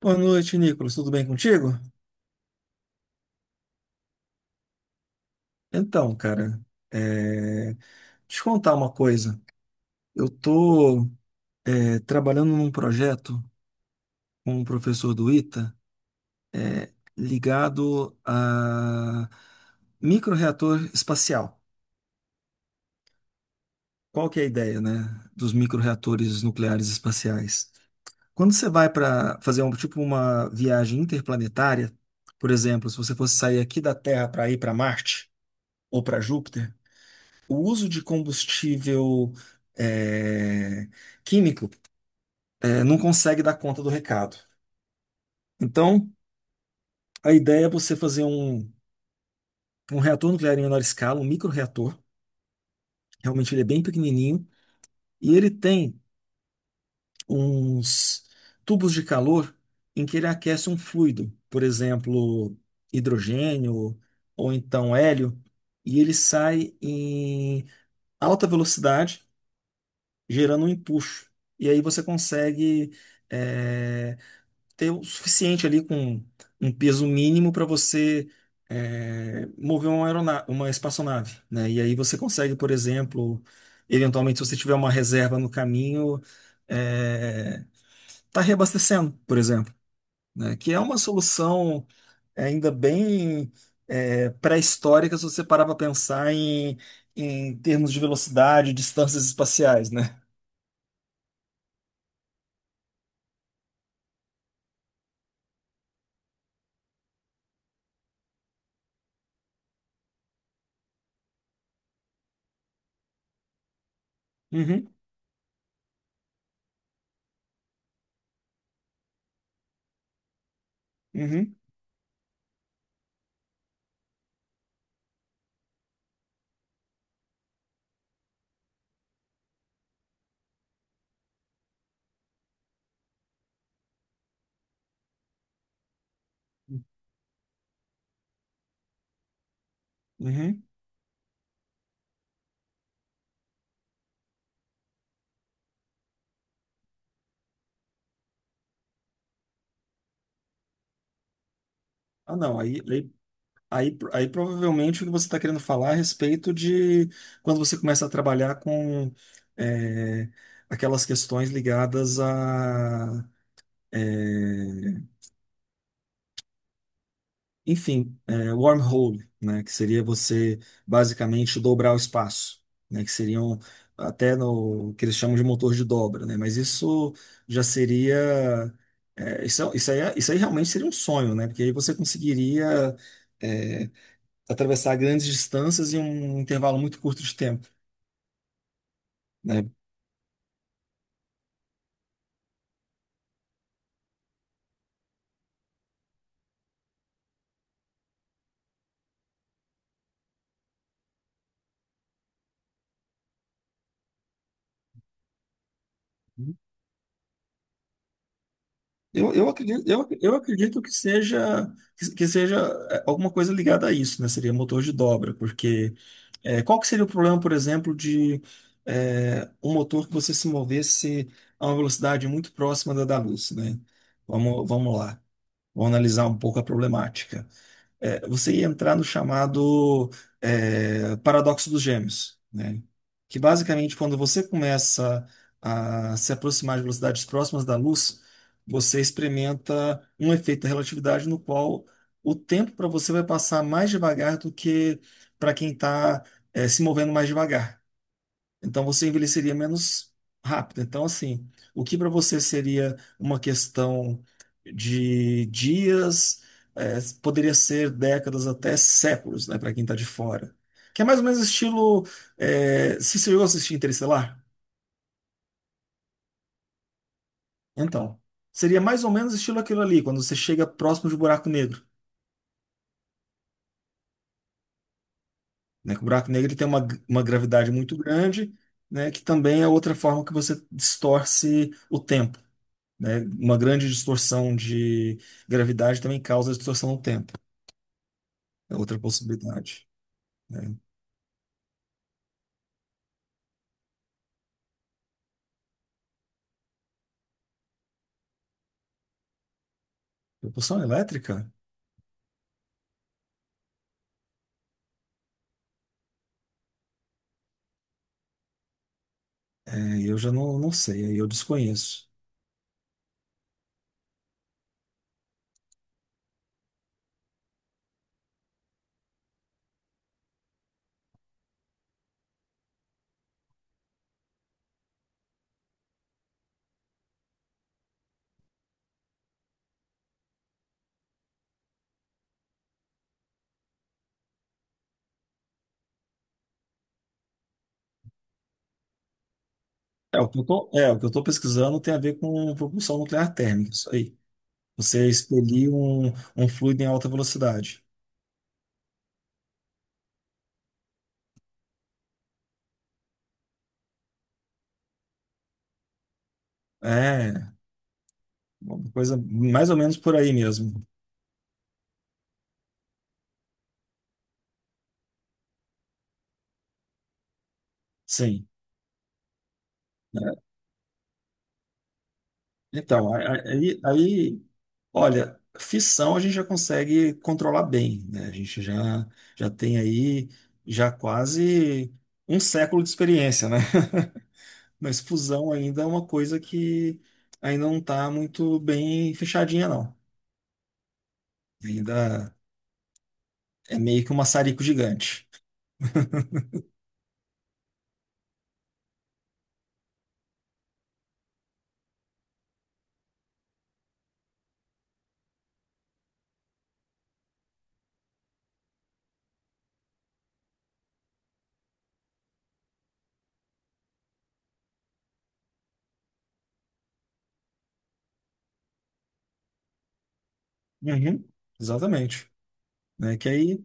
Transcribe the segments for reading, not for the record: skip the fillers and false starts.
Boa noite, Nicolas. Tudo bem contigo? Então, cara, é... te contar uma coisa. Eu tô trabalhando num projeto com um professor do ITA, ligado a microreator espacial. Qual que é a ideia, né, dos microreatores nucleares espaciais? Quando você vai para fazer um tipo uma viagem interplanetária, por exemplo, se você fosse sair aqui da Terra para ir para Marte ou para Júpiter, o uso de combustível é, químico não consegue dar conta do recado. Então, a ideia é você fazer um reator nuclear em menor escala, um microreator. Realmente ele é bem pequenininho e ele tem uns tubos de calor em que ele aquece um fluido, por exemplo, hidrogênio ou então hélio, e ele sai em alta velocidade, gerando um empuxo. E aí você consegue eh, ter o suficiente ali com um peso mínimo para você mover uma aeronave, uma espaçonave, né? E aí você consegue, por exemplo, eventualmente, se você tiver uma reserva no caminho, é, tá reabastecendo, por exemplo, né? Que é uma solução ainda bem pré-histórica, se você parar para pensar em termos de velocidade, distâncias espaciais, né? Uhum, uhum, uhum. Ah, não. Aí, provavelmente o que você está querendo falar é a respeito de quando você começa a trabalhar com é, aquelas questões ligadas a, é, wormhole, né, que seria você basicamente dobrar o espaço, né, que seriam até no que eles chamam de motor de dobra, né, mas isso já seria, isso aí realmente seria um sonho, né, porque aí você conseguiria eh, atravessar grandes distâncias em um intervalo muito curto de tempo, né? Eu acredito, eu acredito que seja, que seja alguma coisa ligada a isso, né? Seria motor de dobra, porque qual que seria o problema, por exemplo, de um motor que você se movesse a uma velocidade muito próxima da luz, né? Vamos lá, vamos analisar um pouco a problemática. Você ia entrar no chamado paradoxo dos gêmeos, né? Que basicamente, quando você começa a se aproximar de velocidades próximas da luz, você experimenta um efeito da relatividade no qual o tempo para você vai passar mais devagar do que para quem está se movendo mais devagar. Então você envelheceria menos rápido. Então, assim, o que para você seria uma questão de dias, poderia ser décadas até séculos, né, para quem está de fora. Que é mais ou menos estilo. Se você chegou a assistir Interestelar? Então, seria mais ou menos estilo aquilo ali, quando você chega próximo de um buraco negro. Né? Que o buraco negro ele tem uma gravidade muito grande, né, que também é outra forma que você distorce o tempo. Né? Uma grande distorção de gravidade também causa distorção no tempo. É outra possibilidade, né? Propulsão elétrica? É, eu já não, não sei, aí eu desconheço. É, o que eu tô pesquisando tem a ver com propulsão nuclear térmica, isso aí. Você expelir um fluido em alta velocidade. É, uma coisa mais ou menos por aí mesmo. Sim. Então, olha, fissão a gente já consegue controlar bem, né? A gente já tem aí já quase um século de experiência, né? Mas fusão ainda é uma coisa que ainda não está muito bem fechadinha, não. Ainda é meio que um maçarico gigante. Uhum, exatamente. Né? Que aí.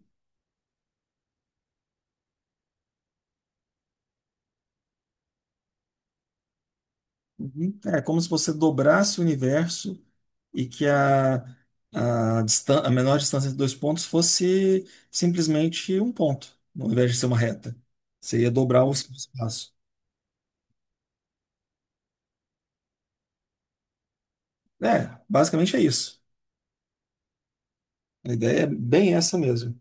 Uhum. É como se você dobrasse o universo e que a menor distância entre dois pontos fosse simplesmente um ponto, ao invés de ser uma reta. Você ia dobrar o espaço. É, basicamente é isso. A ideia é bem essa mesmo.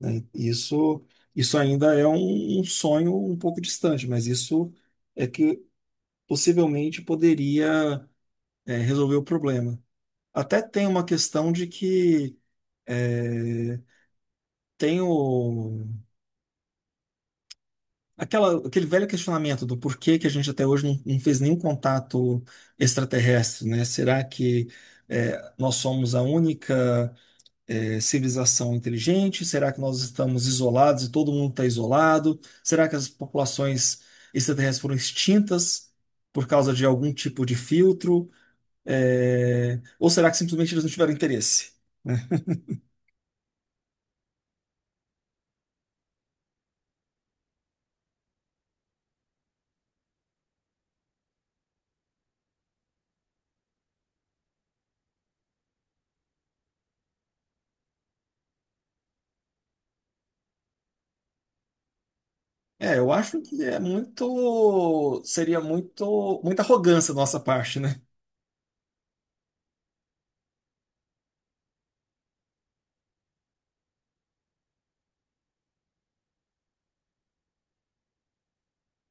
Né? Isso, isso, ainda é um sonho um pouco distante, mas isso é que possivelmente poderia, resolver o problema. Até tem uma questão de que. é, tem o, aquele velho questionamento do porquê que a gente até hoje não, não fez nenhum contato extraterrestre, né? Será que nós somos a única civilização inteligente? Será que nós estamos isolados e todo mundo está isolado? Será que as populações extraterrestres foram extintas por causa de algum tipo de filtro? É, ou será que simplesmente eles não tiveram interesse? É, eu acho que é muito, seria muito, muita arrogância da nossa parte, né?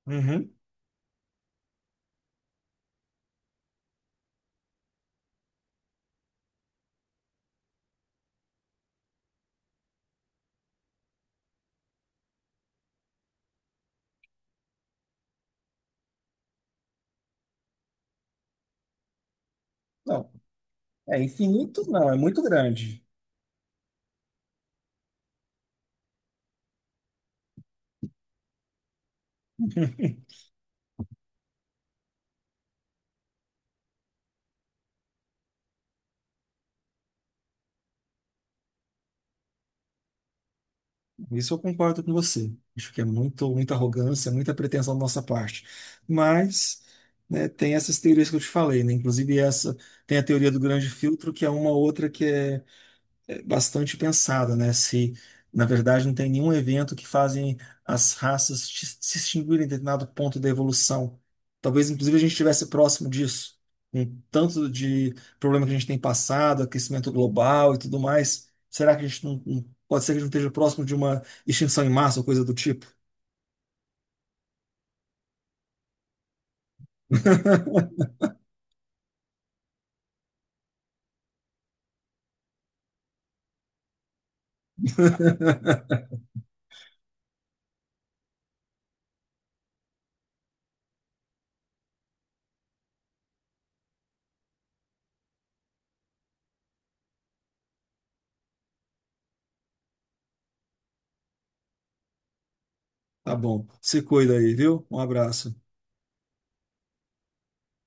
Uhum. Não. É infinito, não, é muito grande. Isso eu concordo com você. Acho que é muito, muita arrogância, muita pretensão da nossa parte. Mas, né, tem essas teorias que eu te falei, né? Inclusive essa, tem a teoria do grande filtro, que é uma outra que é bastante pensada, né? Se, na verdade, não tem nenhum evento que fazem as raças se extinguirem em determinado ponto da evolução. Talvez, inclusive, a gente estivesse próximo disso, com tanto de problema que a gente tem passado, aquecimento global e tudo mais. Será que a gente não, pode ser que a gente esteja próximo de uma extinção em massa ou coisa do tipo? Tá bom. Se cuida aí, viu? Um abraço.